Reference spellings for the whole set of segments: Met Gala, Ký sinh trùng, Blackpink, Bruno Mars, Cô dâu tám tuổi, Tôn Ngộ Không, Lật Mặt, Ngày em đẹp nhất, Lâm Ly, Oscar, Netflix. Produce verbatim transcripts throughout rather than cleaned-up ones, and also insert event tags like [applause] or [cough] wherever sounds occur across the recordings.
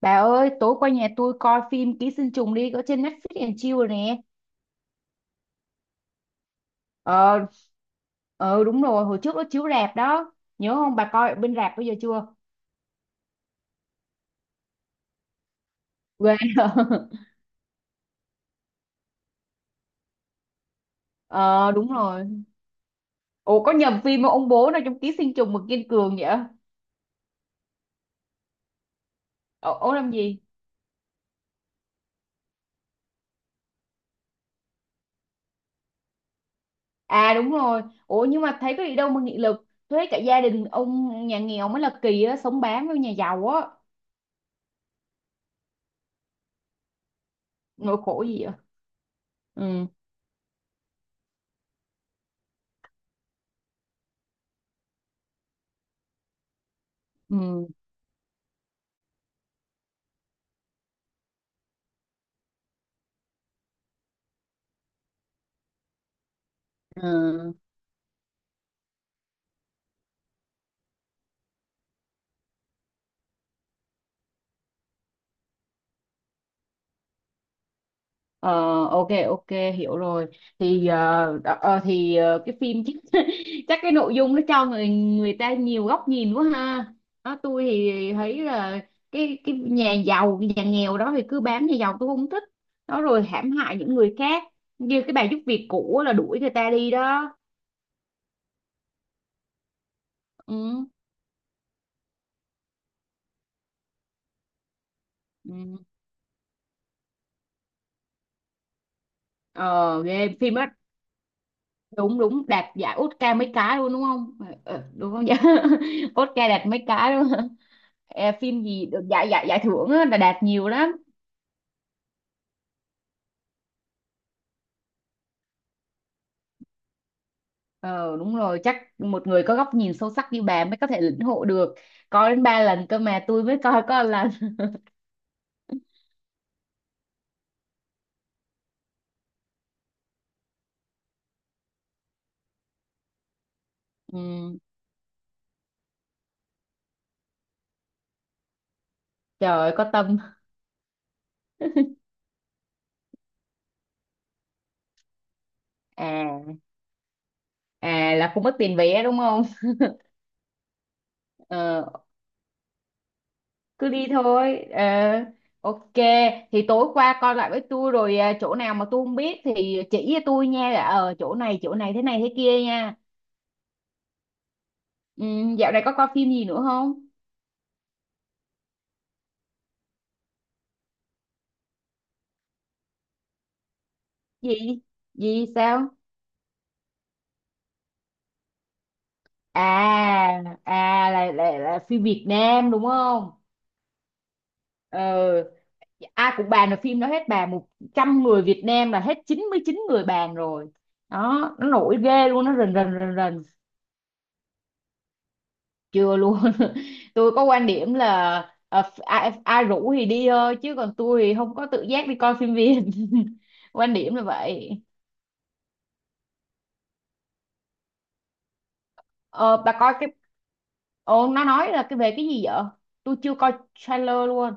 Bà ơi, tối qua nhà tôi coi phim Ký sinh trùng đi, có trên Netflix and Chill rồi nè. Ờ, ờ đúng rồi, hồi trước nó chiếu rạp đó. Nhớ không, bà coi ở bên rạp bây giờ chưa? Ghê. [laughs] Ờ, đúng rồi. Ủa, có nhầm phim không? Ông bố nào trong Ký sinh trùng mà kiên cường vậy? Ờ, ông làm gì? À đúng rồi. Ủa, nhưng mà thấy có gì đâu mà nghị lực. Thuế cả gia đình ông nhà nghèo mới là kỳ á, sống bám với nhà giàu á. Nỗi khổ gì vậy? Ừ, ừ, ừ. Ờ, ok ok, hiểu rồi thì ờ, đ- ờ, thì ờ, cái phim chắc [laughs] chắc cái nội dung nó cho người người ta nhiều góc nhìn quá ha. Đó, tôi thì thấy là cái cái nhà giàu cái nhà nghèo đó thì cứ bám nhà giàu tôi không thích, đó rồi hãm hại những người khác, như cái bà giúp việc cũ á là đuổi người ta đi đó. Ừ, ừ. ờ ghê phim á, đúng đúng đạt giải Oscar mấy cái luôn đúng không? Ờ, ờ, đúng không vậy? [laughs] Oscar đạt mấy cái luôn. Ờ, phim gì được giải giải giải thưởng á, là đạt nhiều lắm. ờ Đúng rồi, chắc một người có góc nhìn sâu sắc như bà mới có thể lĩnh hội được, coi đến ba lần cơ mà tôi mới coi có một lần. Ừ, trời ơi, có tâm. À, à là không mất tiền vé đúng không? ờ cứ đi thôi. ờ ok. Thì tối qua coi lại với tôi rồi à, chỗ nào mà tôi không biết thì chỉ cho tôi nha, là ờ chỗ này chỗ này thế này thế kia nha. Ừ, dạo này có coi phim gì nữa không? Gì? Gì sao? À, à là, là là phim Việt Nam đúng không? Ờ, à cũng bàn được phim đó hết, bàn một trăm người Việt Nam là hết chín mươi chín người bàn rồi, đó nó nổi ghê luôn, nó rần rần rần rần. Chưa luôn. [laughs] Tôi có quan điểm là ờ, ph- ai, ai rủ thì đi thôi, chứ còn tôi thì không có tự giác đi coi phim Việt. [laughs] Quan điểm là vậy. ờ bà coi cái, ồ nó nói là cái về cái gì vậy? Tôi chưa coi trailer luôn.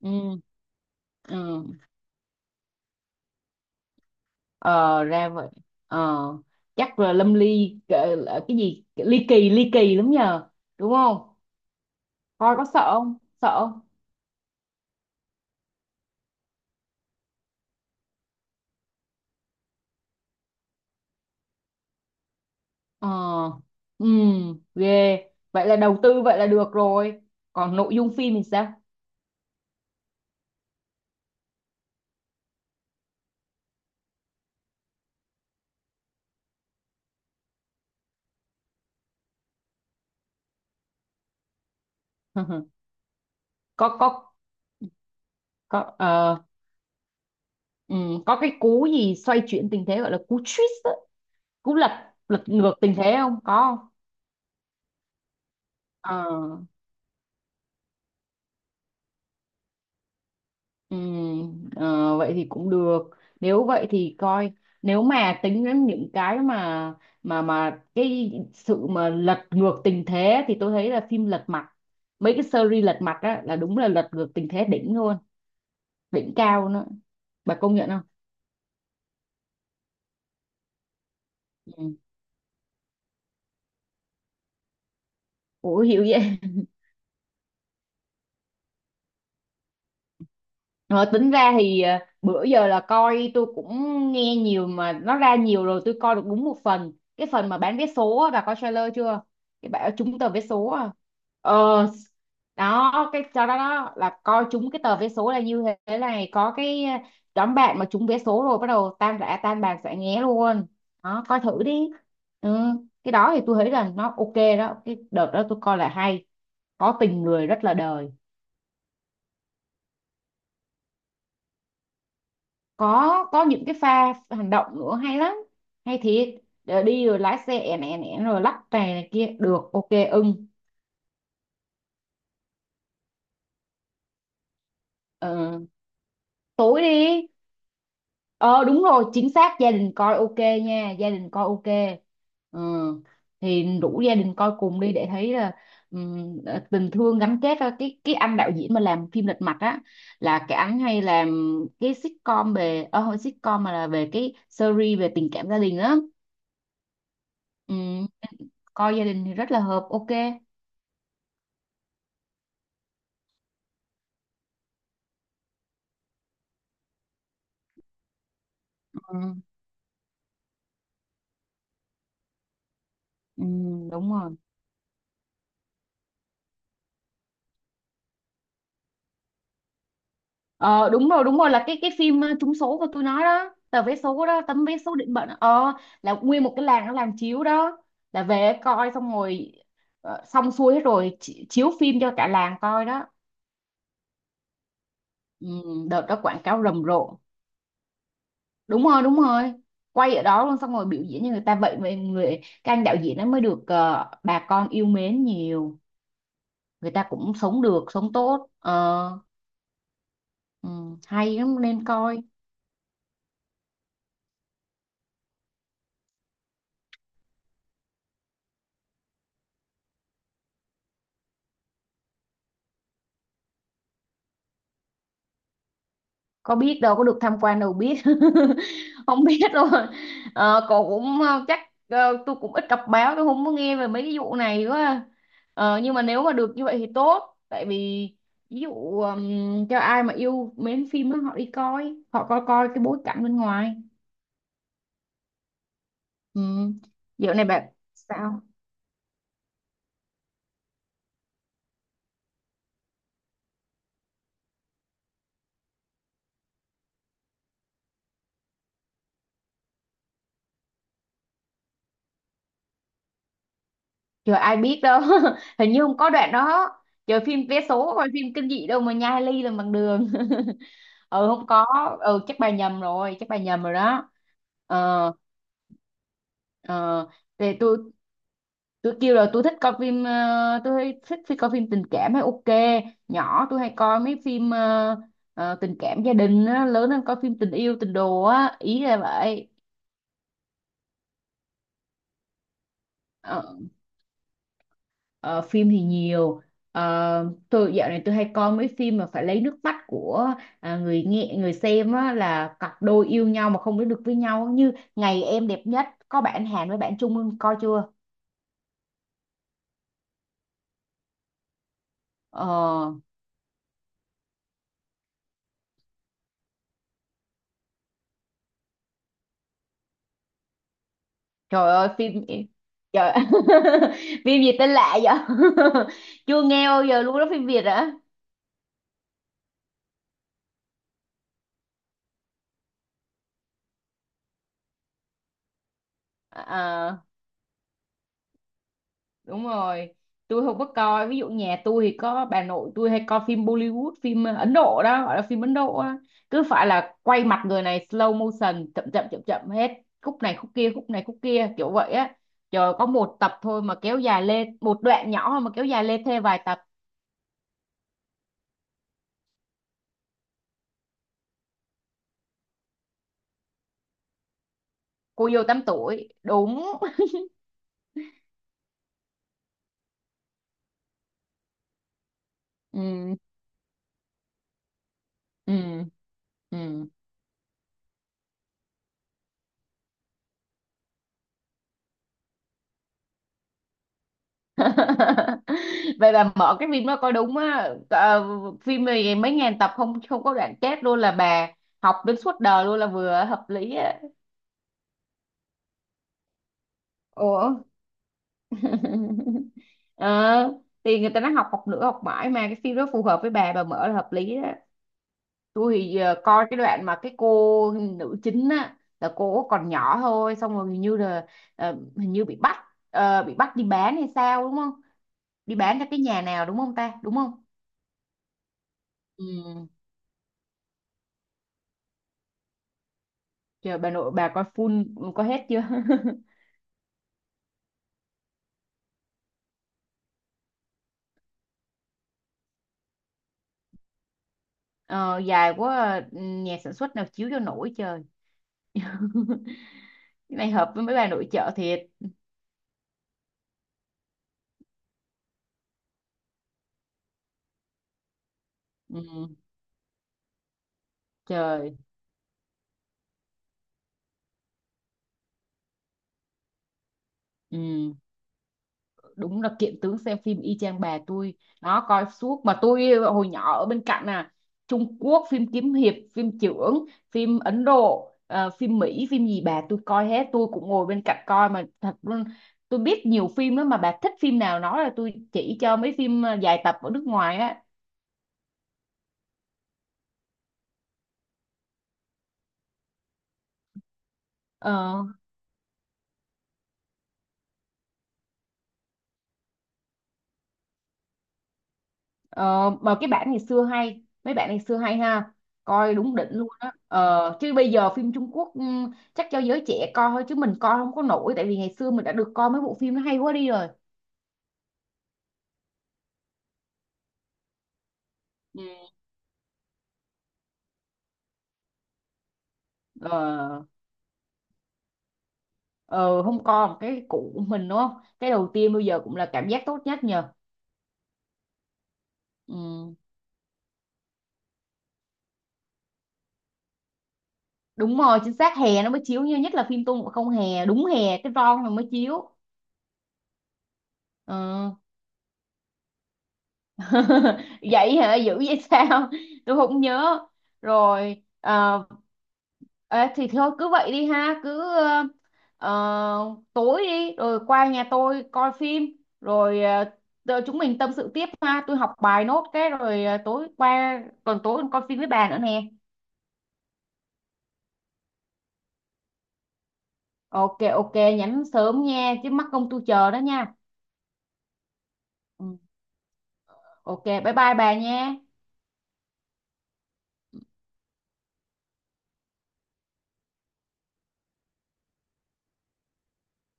Ừ, ừ. ờ ra vậy. ờ chắc là Lâm Ly cái, cái gì ly kỳ ly kỳ lắm nhờ, đúng không? Coi có sợ không, sợ không? ờ ừ, ghê, vậy là đầu tư vậy là được rồi, còn nội dung phim thì sao? [laughs] có có có ờ, ừ, có cái cú gì xoay chuyển tình thế gọi là cú twist á, cú lật, lật ngược tình thế không có không? ờ Ừ, ờ, vậy thì cũng được, nếu vậy thì coi, nếu mà tính đến những cái mà mà mà cái sự mà lật ngược tình thế thì tôi thấy là phim lật mặt, mấy cái series lật mặt á là đúng là lật ngược tình thế đỉnh luôn, đỉnh cao nữa, bà công nhận không? Ừ. Ủa hiểu vậy. Ờ, tính ra thì ờ, bữa giờ là coi tôi cũng nghe nhiều mà nó ra nhiều rồi tôi coi được đúng một phần, cái phần mà bán vé số á, bà coi trailer chưa? Cái bà ờ, trúng tờ vé số à? ờ đó cái cho đó, đó là coi trúng cái tờ vé số là như thế này, có cái ờ, đám bạn mà trúng vé số rồi bắt đầu tan rã tan bàn xả nghé luôn, đó coi thử đi. Ừ. Cái đó thì tôi thấy là nó ok đó, cái đợt đó tôi coi là hay, có tình người rất là đời. có có những cái pha hành động nữa hay lắm, hay thiệt. Để đi rồi lái xe ẻn ẻn ẻn rồi lắc này, này kia, được ok ưng. ờ, tối đi. ờ đúng rồi chính xác gia đình coi ok nha, gia đình coi ok. Ừ, thì rủ gia đình coi cùng đi để thấy là ừm, ờ, tình thương gắn kết á. cái cái anh đạo diễn mà làm phim Lật Mặt á là cái anh hay làm cái sitcom về ờ không phải sitcom mà là về cái series về tình cảm gia đình á. Ừ. Coi gia đình thì rất là hợp ok. Ừ, ừ. Đúng rồi. ờ đúng rồi đúng rồi, là cái cái phim ờ, trúng số của tôi nói đó, tờ vé số đó, tấm vé số định mệnh đó. ờ là nguyên một cái làng nó làm chiếu đó, là về coi xong rồi ờ, xong xuôi hết rồi chi- chiếu phim cho cả làng coi đó. Ừ, đợt đó quảng cáo rầm rộ, đúng rồi đúng rồi, quay ở đó luôn xong rồi biểu diễn cho người ta, vậy mà người cái anh đạo diễn nó mới được ờ, bà con yêu mến nhiều, người ta cũng sống được sống tốt. ờ ừ, hay lắm nên coi. Có biết đâu có được tham quan đâu biết. [laughs] Không biết đâu. ờ, cậu cũng ờ, chắc ờ, tôi cũng ít đọc báo tôi không có nghe về mấy cái vụ này quá à. ờ, nhưng mà nếu mà được như vậy thì tốt, tại vì ví dụ ừm, cho ai mà yêu mến phim á, họ đi coi họ coi coi cái bối cảnh bên ngoài. Ừ. Dạo này bạn sao? Trời ai biết đâu. [laughs] Hình như không có đoạn đó, trời phim vé số coi phim kinh dị đâu mà nhai ly làm bằng đường. [laughs] Ừ không có. Ừ chắc bà nhầm rồi, chắc bà nhầm rồi đó. ờ ờ thì tôi tôi kêu là tôi thích coi phim, ờ, tôi hay thích phim coi phim tình cảm hay ok. Nhỏ tôi hay coi mấy phim ờ, ờ, tình cảm gia đình á, lớn hơn coi phim tình yêu tình đồ á, ý là vậy. ờ, ờ, phim thì nhiều. Ờ, tôi dạo này tôi hay coi mấy phim mà phải lấy nước mắt của, à, người nghe người xem á, là cặp đôi yêu nhau mà không đến được với nhau như ngày em đẹp nhất, có bạn Hàn với bạn Trung Hưng, coi chưa? Ờ, trời ơi phim, trời [laughs] phim gì tên lạ vậy? [laughs] Chưa nghe bao giờ luôn đó, phim Việt hả? À, đúng rồi, tôi không có coi, ví dụ nhà tôi thì có bà nội tôi hay coi phim Bollywood, phim ờ, Ấn Độ đó, gọi là phim Ấn Độ á, cứ phải là quay mặt người này slow motion chậm chậm chậm chậm hết, khúc này khúc kia khúc này khúc kia kiểu vậy á. Trời có một tập thôi mà kéo dài lên, một đoạn nhỏ thôi mà kéo dài lên thêm vài tập. Cô dâu tám tuổi, đúng. [laughs] Ừ, ừ ừ. [laughs] Vậy là mở cái phim đó coi đúng á. Ờ, phim này mấy ngàn tập không không có đoạn chết luôn là bà, học đến suốt đời luôn là vừa hợp lý á. Ủa. [laughs] ờ thì người ta nói học học nữa học mãi mà, cái phim đó phù hợp với bà bà mở là hợp lý á. Tôi thì giờ coi cái đoạn mà cái cô nữ chính á là cô còn nhỏ thôi xong rồi hình như là ờ, hình như bị bắt, ờ, bị bắt đi bán hay sao đúng không? Đi bán cho cái nhà nào đúng không ta, đúng không? Ừ. Trời bà nội bà coi full, có hết chưa? [laughs] Ờ, dài quá à, ừ, nhà sản xuất nào chiếu cho nổi trời. [laughs] Cái này hợp với mấy bà nội trợ thiệt. Ừ. Trời. Ừ. Đúng là kiện tướng xem phim y chang bà tôi, nó coi suốt mà tôi hồi nhỏ ở bên cạnh à. Trung Quốc phim kiếm hiệp phim chưởng phim Ấn Độ ờ, phim Mỹ phim gì bà tôi coi hết tôi cũng ngồi bên cạnh coi mà thật luôn. Tôi biết nhiều phim lắm mà, bà thích phim nào nói là tôi chỉ cho, mấy phim ờ, dài tập ở nước ngoài á. Ờ. Ờ, mà cái bản ngày xưa hay mấy bạn ngày xưa hay ha, coi đúng đỉnh luôn á. ờ, chứ bây giờ phim Trung Quốc ừm, chắc cho giới trẻ coi thôi chứ mình coi không có nổi, tại vì ngày xưa mình đã được coi mấy bộ phim nó hay quá đi rồi. Ừ. ờ, ờ không coi một cái cũ của mình đúng không? Cái đầu tiên bây giờ cũng là cảm giác tốt nhất nhờ. Ừ, đúng rồi chính xác, hè nó mới chiếu như nhất là phim Tôn Ngộ Không, hè đúng hè cái ron nó mới chiếu. Ờ. [laughs] Vậy hả, dữ vậy sao, tôi không nhớ. Rồi ờ, ê, thì thôi cứ vậy đi ha, cứ ờ, ờ, tối đi rồi qua nhà tôi coi phim rồi ờ, rồi chúng mình tâm sự tiếp ha, tôi học bài nốt cái rồi ờ, tối qua còn tối coi phim với bà nữa nè. Ok ok nhắn sớm nha chứ mắc công tôi chờ đó nha. Ừ. Ok bye bye bà nha.